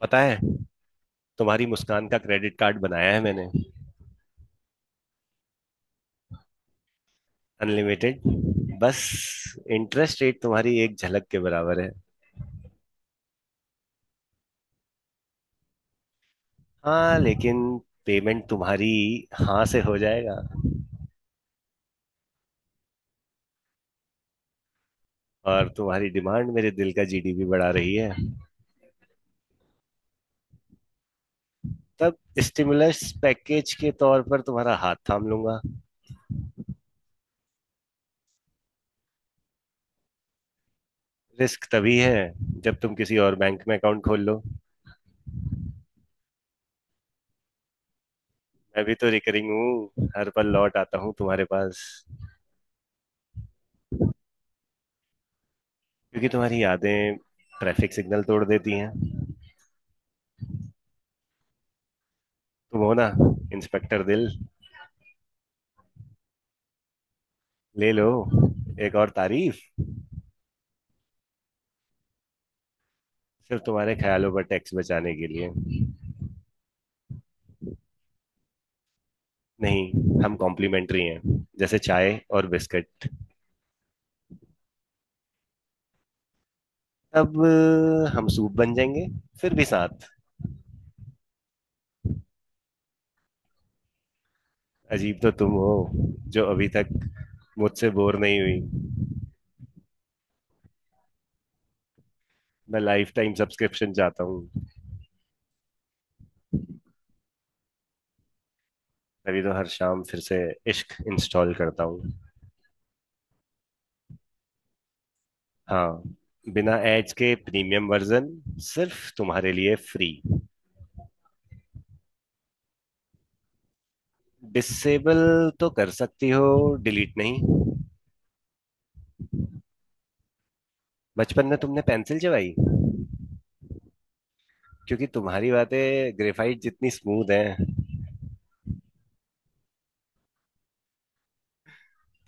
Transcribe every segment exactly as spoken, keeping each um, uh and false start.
पता है। तुम्हारी मुस्कान का क्रेडिट कार्ड बनाया है मैंने। अनलिमिटेड। बस इंटरेस्ट रेट तुम्हारी एक झलक के बराबर है। हाँ लेकिन पेमेंट तुम्हारी हाँ से हो जाएगा। और तुम्हारी डिमांड मेरे दिल का जीडीपी बढ़ा रही है। तब स्टिमुलस पैकेज के तौर पर तुम्हारा हाथ थाम लूंगा। रिस्क तभी है जब तुम किसी और बैंक में अकाउंट खोल लो। मैं भी तो रिकरिंग हूँ, हर पल लौट आता हूँ तुम्हारे पास। क्योंकि तुम्हारी यादें ट्रैफिक सिग्नल तोड़ देती हैं। तुम हो ना, इंस्पेक्टर दिल। ले लो, एक और तारीफ। सिर्फ तुम्हारे ख्यालों पर टैक्स बचाने के लिए। नहीं, हम कॉम्प्लीमेंट्री हैं, जैसे चाय और बिस्किट। अब अ, हम सूप बन जाएंगे। फिर भी साथ। अजीब तो तुम हो, जो अभी तक मुझसे बोर नहीं हुई। मैं लाइफ टाइम सब्सक्रिप्शन चाहता हूँ। तभी तो हर शाम फिर से इश्क इंस्टॉल करता हूँ। हाँ, बिना एड्स के प्रीमियम वर्जन, सिर्फ तुम्हारे लिए फ्री। डिसेबल तो कर सकती हो, डिलीट नहीं। बचपन में तुमने पेंसिल चबाई, क्योंकि तुम्हारी बातें ग्रेफाइट जितनी स्मूथ हैं।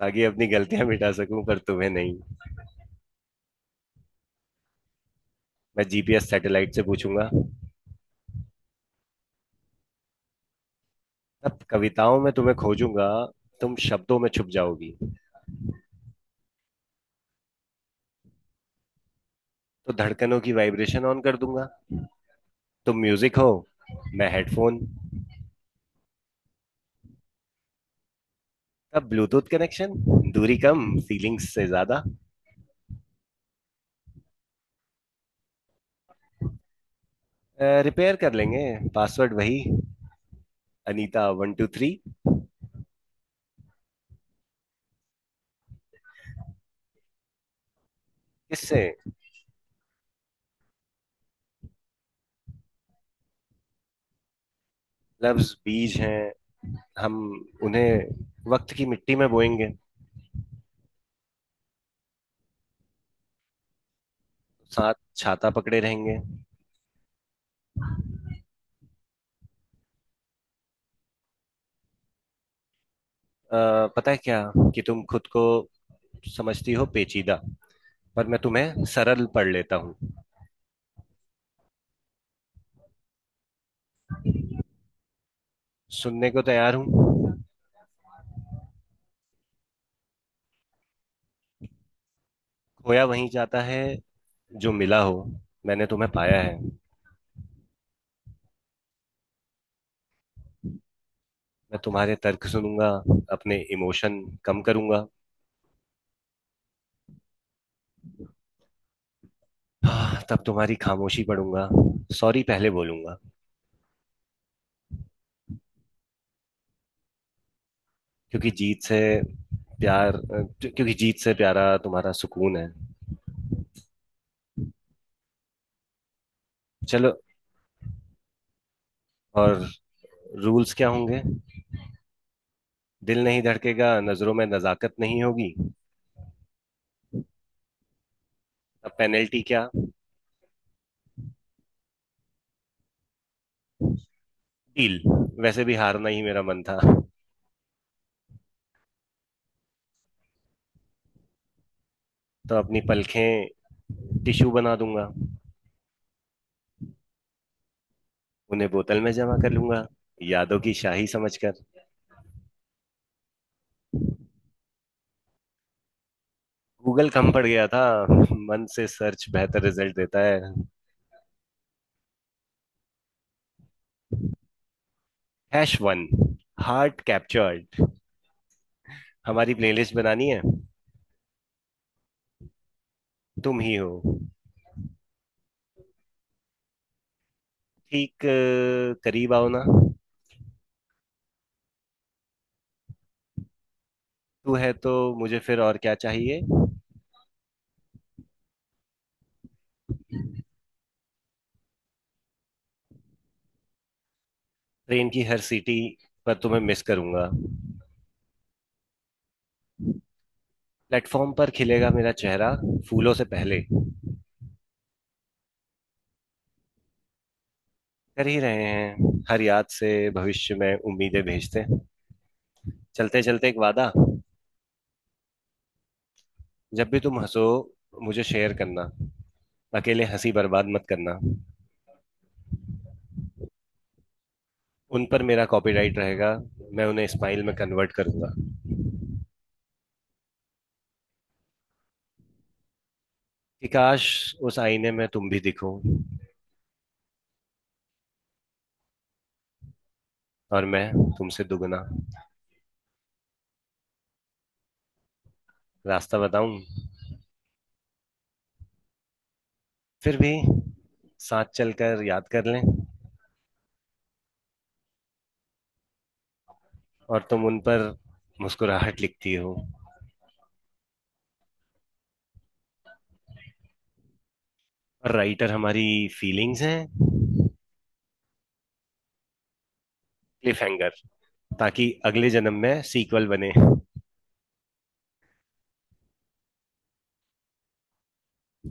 ताकि अपनी गलतियां मिटा सकूं, पर तुम्हें नहीं। मैं जीपीएस सैटेलाइट से पूछूंगा। अब कविताओं में तुम्हें खोजूंगा, तुम शब्दों में छुप जाओगी। तो धड़कनों की वाइब्रेशन ऑन कर दूंगा। तुम म्यूजिक हो, मैं हेडफोन। तब ब्लूटूथ कनेक्शन। दूरी कम, फीलिंग्स से ज्यादा। रिपेयर कर लेंगे। पासवर्ड वही, अनीता वन टू थ्री। किससे? लफ्ज बीज हैं, हम उन्हें वक्त की मिट्टी में बोएंगे। साथ छाता पकड़े रहेंगे। आ, पता है क्या? कि तुम खुद को समझती हो पेचीदा, पर मैं तुम्हें सरल पढ़ लेता हूँ। सुनने को तैयार हूँ। खोया वहीं जाता है जो मिला हो। मैंने तुम्हें पाया है। मैं तुम्हारे तर्क सुनूंगा, अपने इमोशन कम करूंगा। आह, तब तुम्हारी खामोशी पढ़ूंगा, सॉरी पहले बोलूंगा। क्योंकि जीत से प्यार, क्योंकि जीत से प्यारा तुम्हारा सुकून है। चलो। और रूल्स क्या होंगे? दिल नहीं धड़केगा, नजरों में नजाकत नहीं होगी। अब पेनल्टी क्या? डील। वैसे भी हारना ही मेरा मन था। तो अपनी पलखें टिश्यू बना दूंगा। उन्हें बोतल में जमा कर लूंगा, यादों की शाही समझकर। गूगल कम पड़ गया था, मन से सर्च बेहतर रिजल्ट देता है। Hash one, heart captured. हमारी प्लेलिस्ट बनानी है। तुम ही हो। ठीक अ, करीब आओ ना। तू है तो मुझे फिर और क्या चाहिए। ट्रेन की हर सीटी पर तुम्हें मिस करूंगा। प्लेटफॉर्म पर खिलेगा मेरा चेहरा, फूलों से पहले। कर ही रहे हैं, हर याद से भविष्य में उम्मीदें भेजते। चलते चलते एक वादा। जब भी तुम हंसो, मुझे शेयर करना। अकेले हंसी बर्बाद मत करना। उन पर मेरा कॉपीराइट रहेगा, मैं उन्हें स्माइल में कन्वर्ट करूंगा। कि काश उस आईने में तुम भी दिखो। और मैं तुमसे दुगना। रास्ता बताऊं? फिर भी साथ चलकर याद कर लें। और तुम उन पर मुस्कुराहट लिखती हो। और राइटर हमारी फीलिंग्स हैं। क्लिफ हैंगर, ताकि अगले जन्म में सीक्वल बने।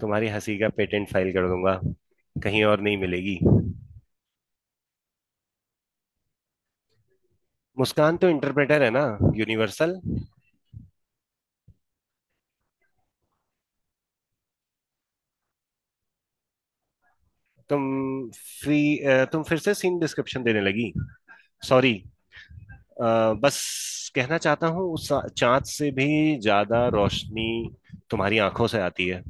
तुम्हारी हंसी का पेटेंट फाइल कर दूंगा, कहीं और नहीं मिलेगी। मुस्कान तो इंटरप्रेटर है ना, यूनिवर्सल। तुम। फी अ, तुम फिर से सीन डिस्क्रिप्शन देने लगी। सॉरी। बस कहना चाहता हूँ, उस चांद से भी ज्यादा रोशनी तुम्हारी आंखों से आती है।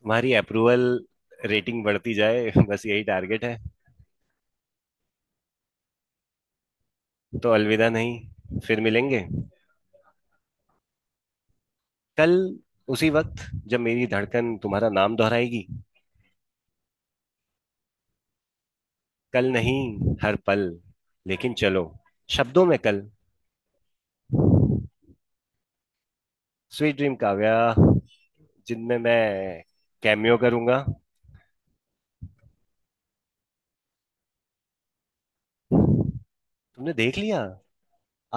तुम्हारी अप्रूवल रेटिंग बढ़ती जाए बस यही टारगेट है। तो अलविदा नहीं, फिर मिलेंगे। कल, उसी वक्त, जब मेरी धड़कन तुम्हारा नाम दोहराएगी। कल नहीं, हर पल। लेकिन चलो, शब्दों में कल। Sweet dream, Kavya. जिनमें मैं कैमियो करूंगा। तुमने देख लिया।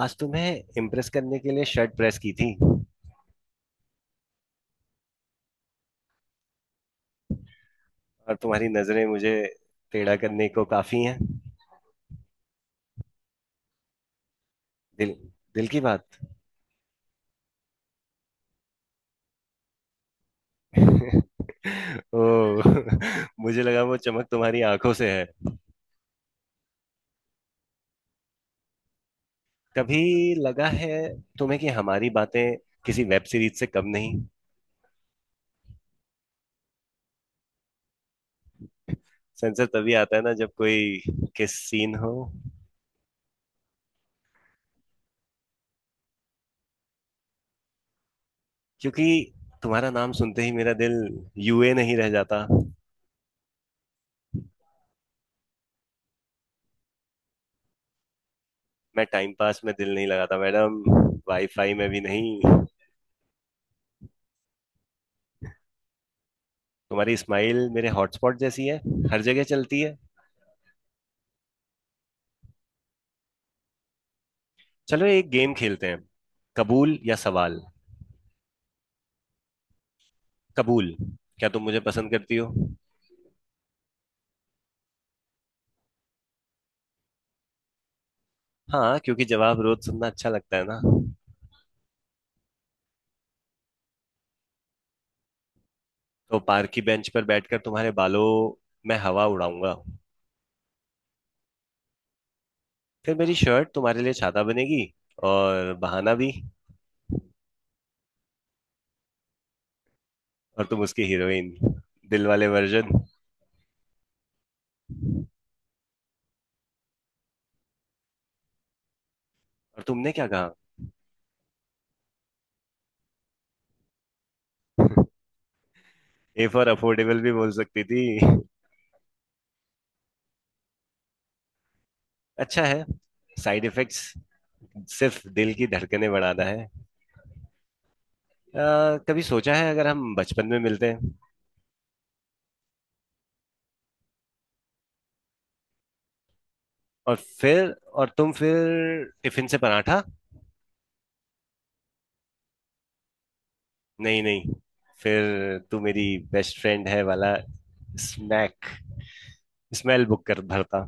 आज तुम्हें इम्प्रेस करने के लिए शर्ट प्रेस की थी, और तुम्हारी नजरें मुझे टेढ़ा करने को काफी हैं। दिल, दिल की बात। ओ। मुझे लगा वो चमक तुम्हारी आंखों से है। कभी लगा है तुम्हें कि हमारी बातें किसी वेब सीरीज से कम नहीं? सेंसर तभी आता है ना, जब कोई किस सीन हो। क्योंकि तुम्हारा नाम सुनते ही मेरा दिल यूए नहीं रह जाता। मैं टाइम पास में दिल नहीं लगाता, मैडम। वाईफाई में भी नहीं। तुम्हारी स्माइल मेरे हॉटस्पॉट जैसी है, हर जगह चलती है। चलो एक गेम खेलते हैं, कबूल या सवाल। कबूल। क्या तुम मुझे पसंद करती हो? हाँ, क्योंकि जवाब रोज सुनना अच्छा लगता है ना। तो पार्क की बेंच पर बैठकर तुम्हारे बालों में हवा उड़ाऊंगा। फिर मेरी शर्ट तुम्हारे लिए छाता बनेगी, और बहाना भी। और तुम उसकी हीरोइन, दिल वाले वर्जन। और तुमने क्या कहा? ए फॉर अफोर्डेबल भी बोल सकती थी। अच्छा है। साइड इफेक्ट्स सिर्फ दिल की धड़कनें बढ़ाना है। अ, कभी सोचा है अगर हम बचपन में मिलते हैं? और फिर और तुम फिर टिफिन से पराठा। नहीं नहीं फिर तू मेरी बेस्ट फ्रेंड है वाला स्नैक स्मेल बुक कर भरता।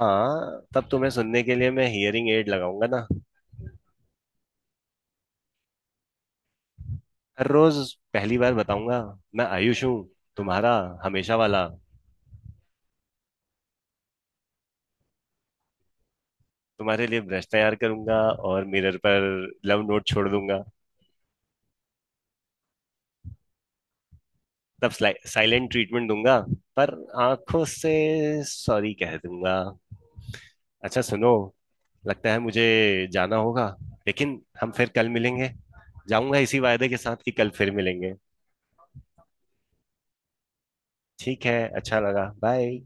हाँ, तब तुम्हें सुनने के लिए मैं हियरिंग एड लगाऊंगा ना। हर रोज पहली बार बताऊंगा, मैं आयुष हूँ, तुम्हारा, हमेशा वाला। तुम्हारे लिए ब्रश तैयार करूंगा, और मिरर पर लव नोट छोड़ दूंगा। तब साइलेंट ट्रीटमेंट दूंगा, पर आंखों से सॉरी कह दूंगा। अच्छा सुनो, लगता है मुझे जाना होगा, लेकिन हम फिर कल मिलेंगे। जाऊंगा इसी वायदे के साथ कि कल फिर मिलेंगे। ठीक है, अच्छा लगा। बाय।